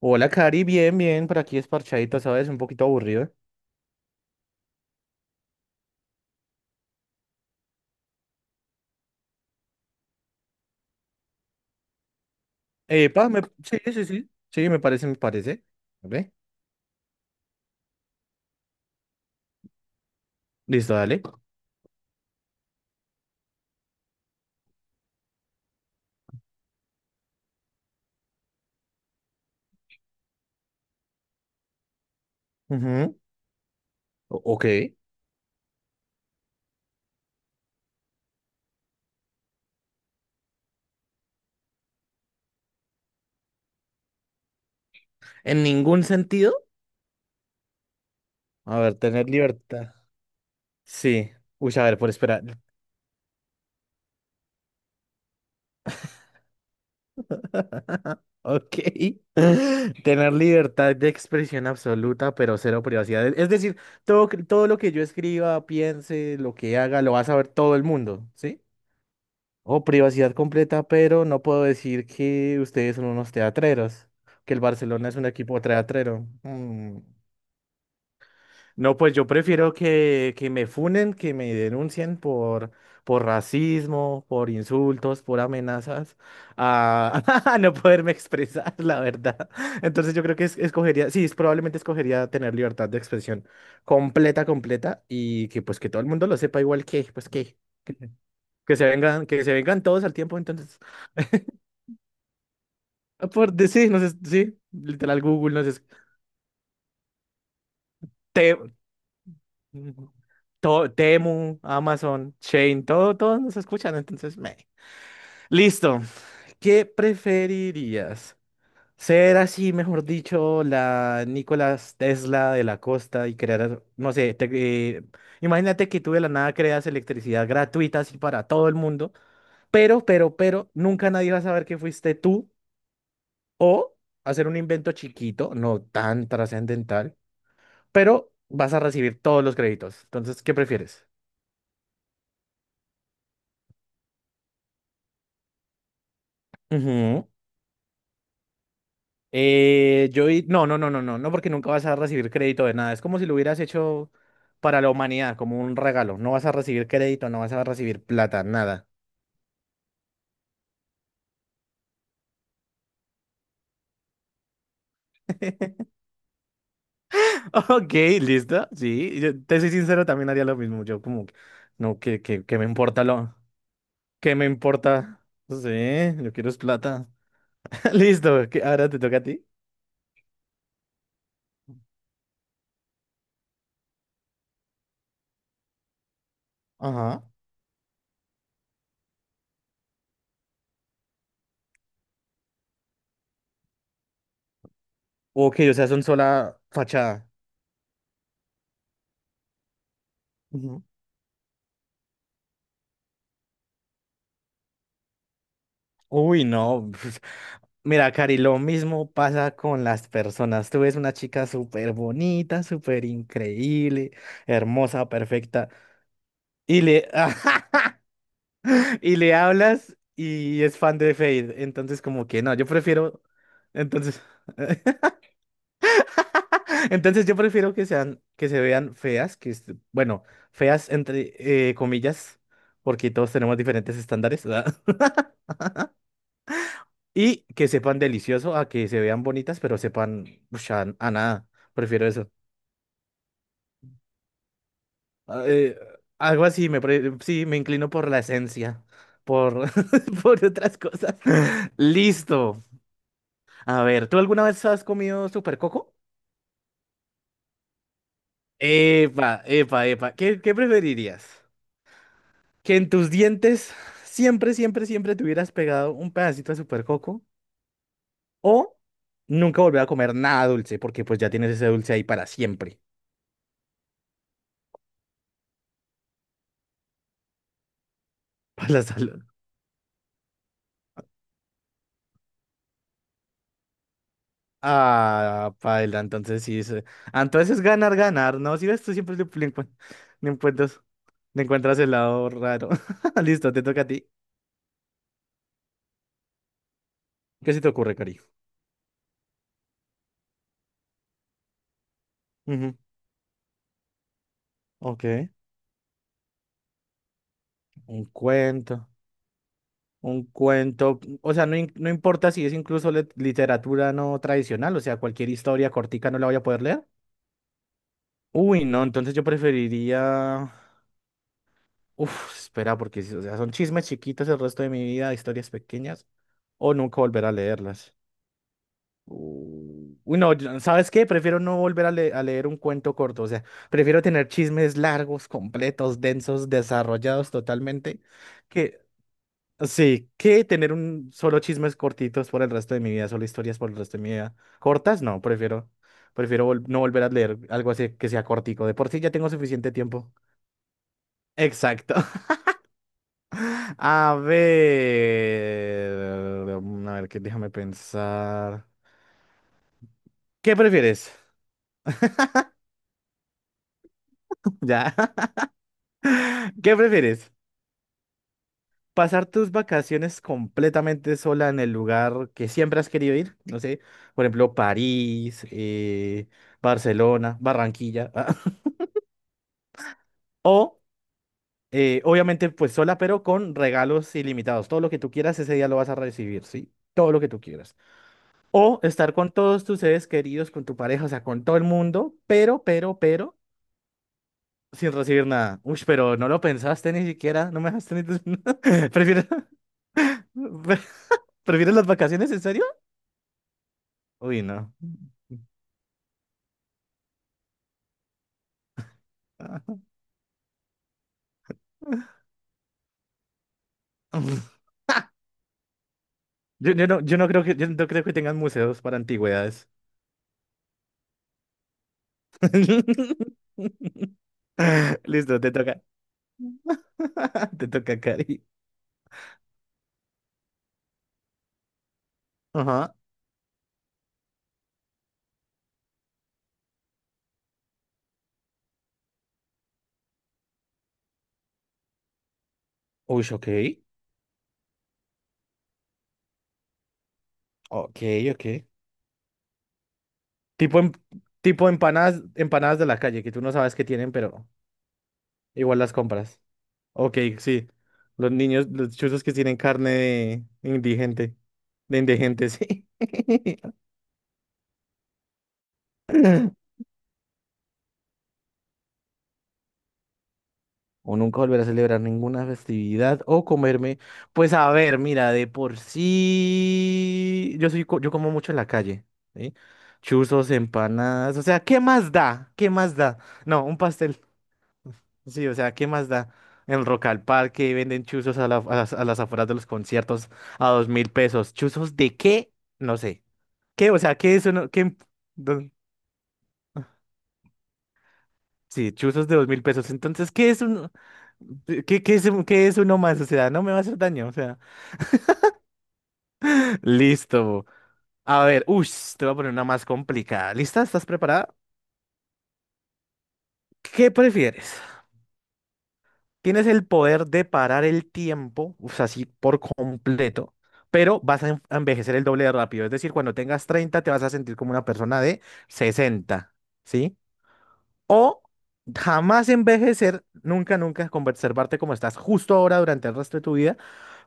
Hola, Cari, bien, bien, por aquí es parchadito, ¿sabes? Un poquito aburrido. Epa, sí, sí, sí, sí, me parece, me parece. ¿Vale? Listo, dale. Ujú, ok. ¿En ningún sentido? A ver, tener libertad. Sí. Uy, a ver, por esperar. Ok. Tener libertad de expresión absoluta, pero cero privacidad. Es decir, todo lo que yo escriba, piense, lo que haga, lo va a saber todo el mundo, ¿sí? O privacidad completa, pero no puedo decir que ustedes son unos teatreros, que el Barcelona es un equipo teatrero. Mm. No, pues yo prefiero que me funen, que me denuncien por racismo, por insultos, por amenazas, a, a no poderme expresar, la verdad. Entonces yo creo que escogería, sí, probablemente escogería tener libertad de expresión completa, completa, y que pues que todo el mundo lo sepa igual que, pues que se vengan, que se vengan todos al tiempo, entonces. Ah, por decir, no sé, sí, literal Google, no sé, Te- Temu, Amazon, Chain, todo, todos nos escuchan, entonces, meh. Listo. ¿Qué preferirías? Ser así, mejor dicho, la Nicolás Tesla de la costa y crear, no sé, eh, imagínate que tú de la nada creas electricidad gratuita así para todo el mundo, pero, nunca nadie va a saber que fuiste tú o hacer un invento chiquito, no tan trascendental pero vas a recibir todos los créditos. Entonces, ¿qué prefieres? Ujú. No, no, no, no, no, no, porque nunca vas a recibir crédito de nada. Es como si lo hubieras hecho para la humanidad, como un regalo. No vas a recibir crédito, no vas a recibir plata, nada. Ok, listo. Sí, yo te soy sincero, también haría lo mismo. Yo como, que, no, que me importa que me importa. Sí, yo quiero es plata. Listo, que ahora te toca a ti. Ajá. Ok, o sea, son sola fachada. Uy, no. Mira, Cari, lo mismo pasa con las personas. Tú ves una chica súper bonita, súper increíble, hermosa, perfecta, y le, y le hablas y es fan de Fade. Entonces, como que no, yo prefiero. Entonces, entonces yo prefiero que sean, que se vean feas, que, bueno, feas entre comillas, porque todos tenemos diferentes estándares, y que sepan delicioso a que se vean bonitas, pero sepan ush, a nada. Prefiero eso. Ah, eh, algo así, sí, me inclino por la esencia, por, por otras cosas. Listo. A ver, ¿tú alguna vez has comido super coco? Epa, epa, epa. ¿Qué preferirías? ¿Que en tus dientes siempre, siempre, siempre te hubieras pegado un pedacito de super coco? ¿O nunca volver a comer nada dulce porque pues ya tienes ese dulce ahí para siempre, para la salud? Ah, paila, entonces sí. Entonces es ganar, ganar, ¿no? Si ves, tú siempre le le encuentras, le encuentras el lado raro. Listo, te toca a ti. ¿Qué se te ocurre, Cari? Ujú, ok. Un cuento. Un cuento. O sea, no, no importa si es incluso literatura no tradicional, o sea, cualquier historia cortica no la voy a poder leer. Uy, no, entonces yo preferiría. Uf, espera, porque o sea, son chismes chiquitos el resto de mi vida, historias pequeñas, o nunca volver a leerlas. Uy, no, ¿sabes qué? Prefiero no volver a, a leer un cuento corto, o sea, prefiero tener chismes largos, completos, densos, desarrollados totalmente, que sí, que tener un solo chismes cortitos por el resto de mi vida, solo historias por el resto de mi vida. Cortas, no, prefiero no volver a leer algo así que sea cortico. De por sí ya tengo suficiente tiempo. Exacto. A ver, a ver, que déjame pensar. ¿Qué prefieres? Ya. ¿Qué prefieres? Pasar tus vacaciones completamente sola en el lugar que siempre has querido ir, no sé, por ejemplo, París, Barcelona, Barranquilla, o obviamente pues sola, pero con regalos ilimitados. Todo lo que tú quieras ese día lo vas a recibir, ¿sí? Todo lo que tú quieras. O estar con todos tus seres queridos, con tu pareja, o sea, con todo el mundo, pero, sin recibir nada. Uy, pero no lo pensaste ni siquiera, no me dejaste ni... ¿Prefieres, prefieres las vacaciones, en serio? Uy, no. Yo no, yo no creo que tengan museos para antigüedades. Listo, te toca. Te toca, Cari. Ajá. Uy, ok. Ok, ok. Tipo, em- tipo empanadas, empanadas de la calle, que tú no sabes qué tienen, pero igual las compras. Ok, sí. Los chuzos que tienen carne de indigente. De indigente, sí. O nunca volver a celebrar ninguna festividad o comerme. Pues a ver, mira, de por sí yo como mucho en la calle, ¿sí? Chuzos, empanadas, o sea, ¿qué más da? ¿Qué más da? No, un pastel. Sí, o sea, ¿qué más da? En Rock al Parque venden chuzos a las afueras de los conciertos a 2.000 pesos. ¿Chuzos de qué? No sé. ¿Qué? O sea, ¿qué es uno? ¿Qué? ¿Dónde? Sí, chuzos de 2.000 pesos. Entonces, ¿qué es uno? ¿Qué es uno más? O sea, no me va a hacer daño. O sea, listo. A ver, uy, te voy a poner una más complicada. ¿Lista? ¿Estás preparada? ¿Qué prefieres? Tienes el poder de parar el tiempo, o sea, así por completo, pero vas a envejecer el doble de rápido. Es decir, cuando tengas 30, te vas a sentir como una persona de 60, ¿sí? O jamás envejecer, nunca, nunca, conservarte como estás justo ahora durante el resto de tu vida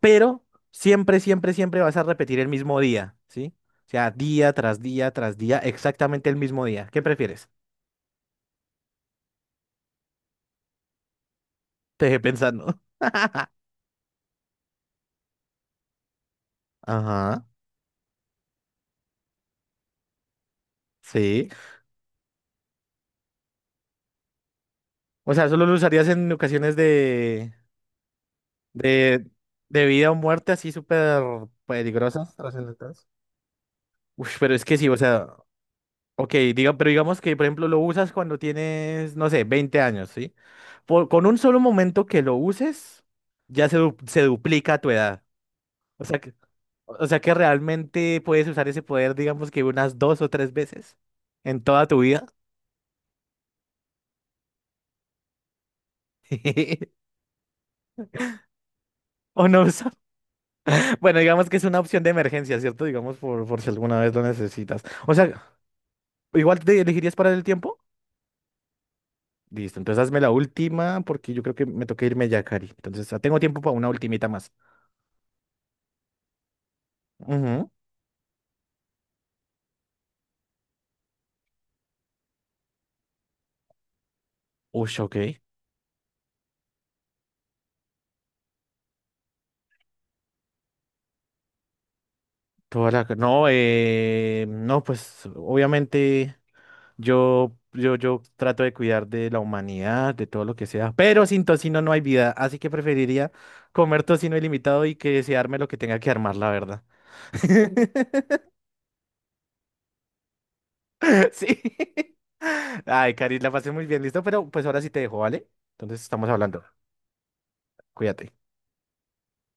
pero siempre, siempre, siempre vas a repetir el mismo día, ¿sí? O sea, día tras día tras día, exactamente el mismo día. ¿Qué prefieres? Te dejé pensando. Ajá, sí. O sea, solo lo usarías en ocasiones de, de vida o muerte así súper peligrosas, trascendentales. Uy, pero es que sí, o sea, ok, pero digamos que, por ejemplo, lo usas cuando tienes, no sé, 20 años, ¿sí? Con un solo momento que lo uses, ya se duplica tu edad. O sea, o sea que realmente puedes usar ese poder, digamos que unas dos o tres veces en toda tu vida. O no usa- Bueno, digamos que es una opción de emergencia, ¿cierto? Digamos por si alguna vez lo necesitas. O sea, igual te elegirías para el tiempo. Listo, entonces hazme la última porque yo creo que me toca irme ya, Cari. Entonces, tengo tiempo para una ultimita más. Ujú. Ush, ok. No, no, pues obviamente. Yo trato de cuidar de la humanidad, de todo lo que sea, pero sin tocino no hay vida, así que preferiría comer tocino ilimitado y que se arme lo que tenga que armar, la verdad. Sí. Ay, Cari, la pasé muy bien, listo, pero pues ahora sí te dejo, ¿vale? Entonces estamos hablando. Cuídate.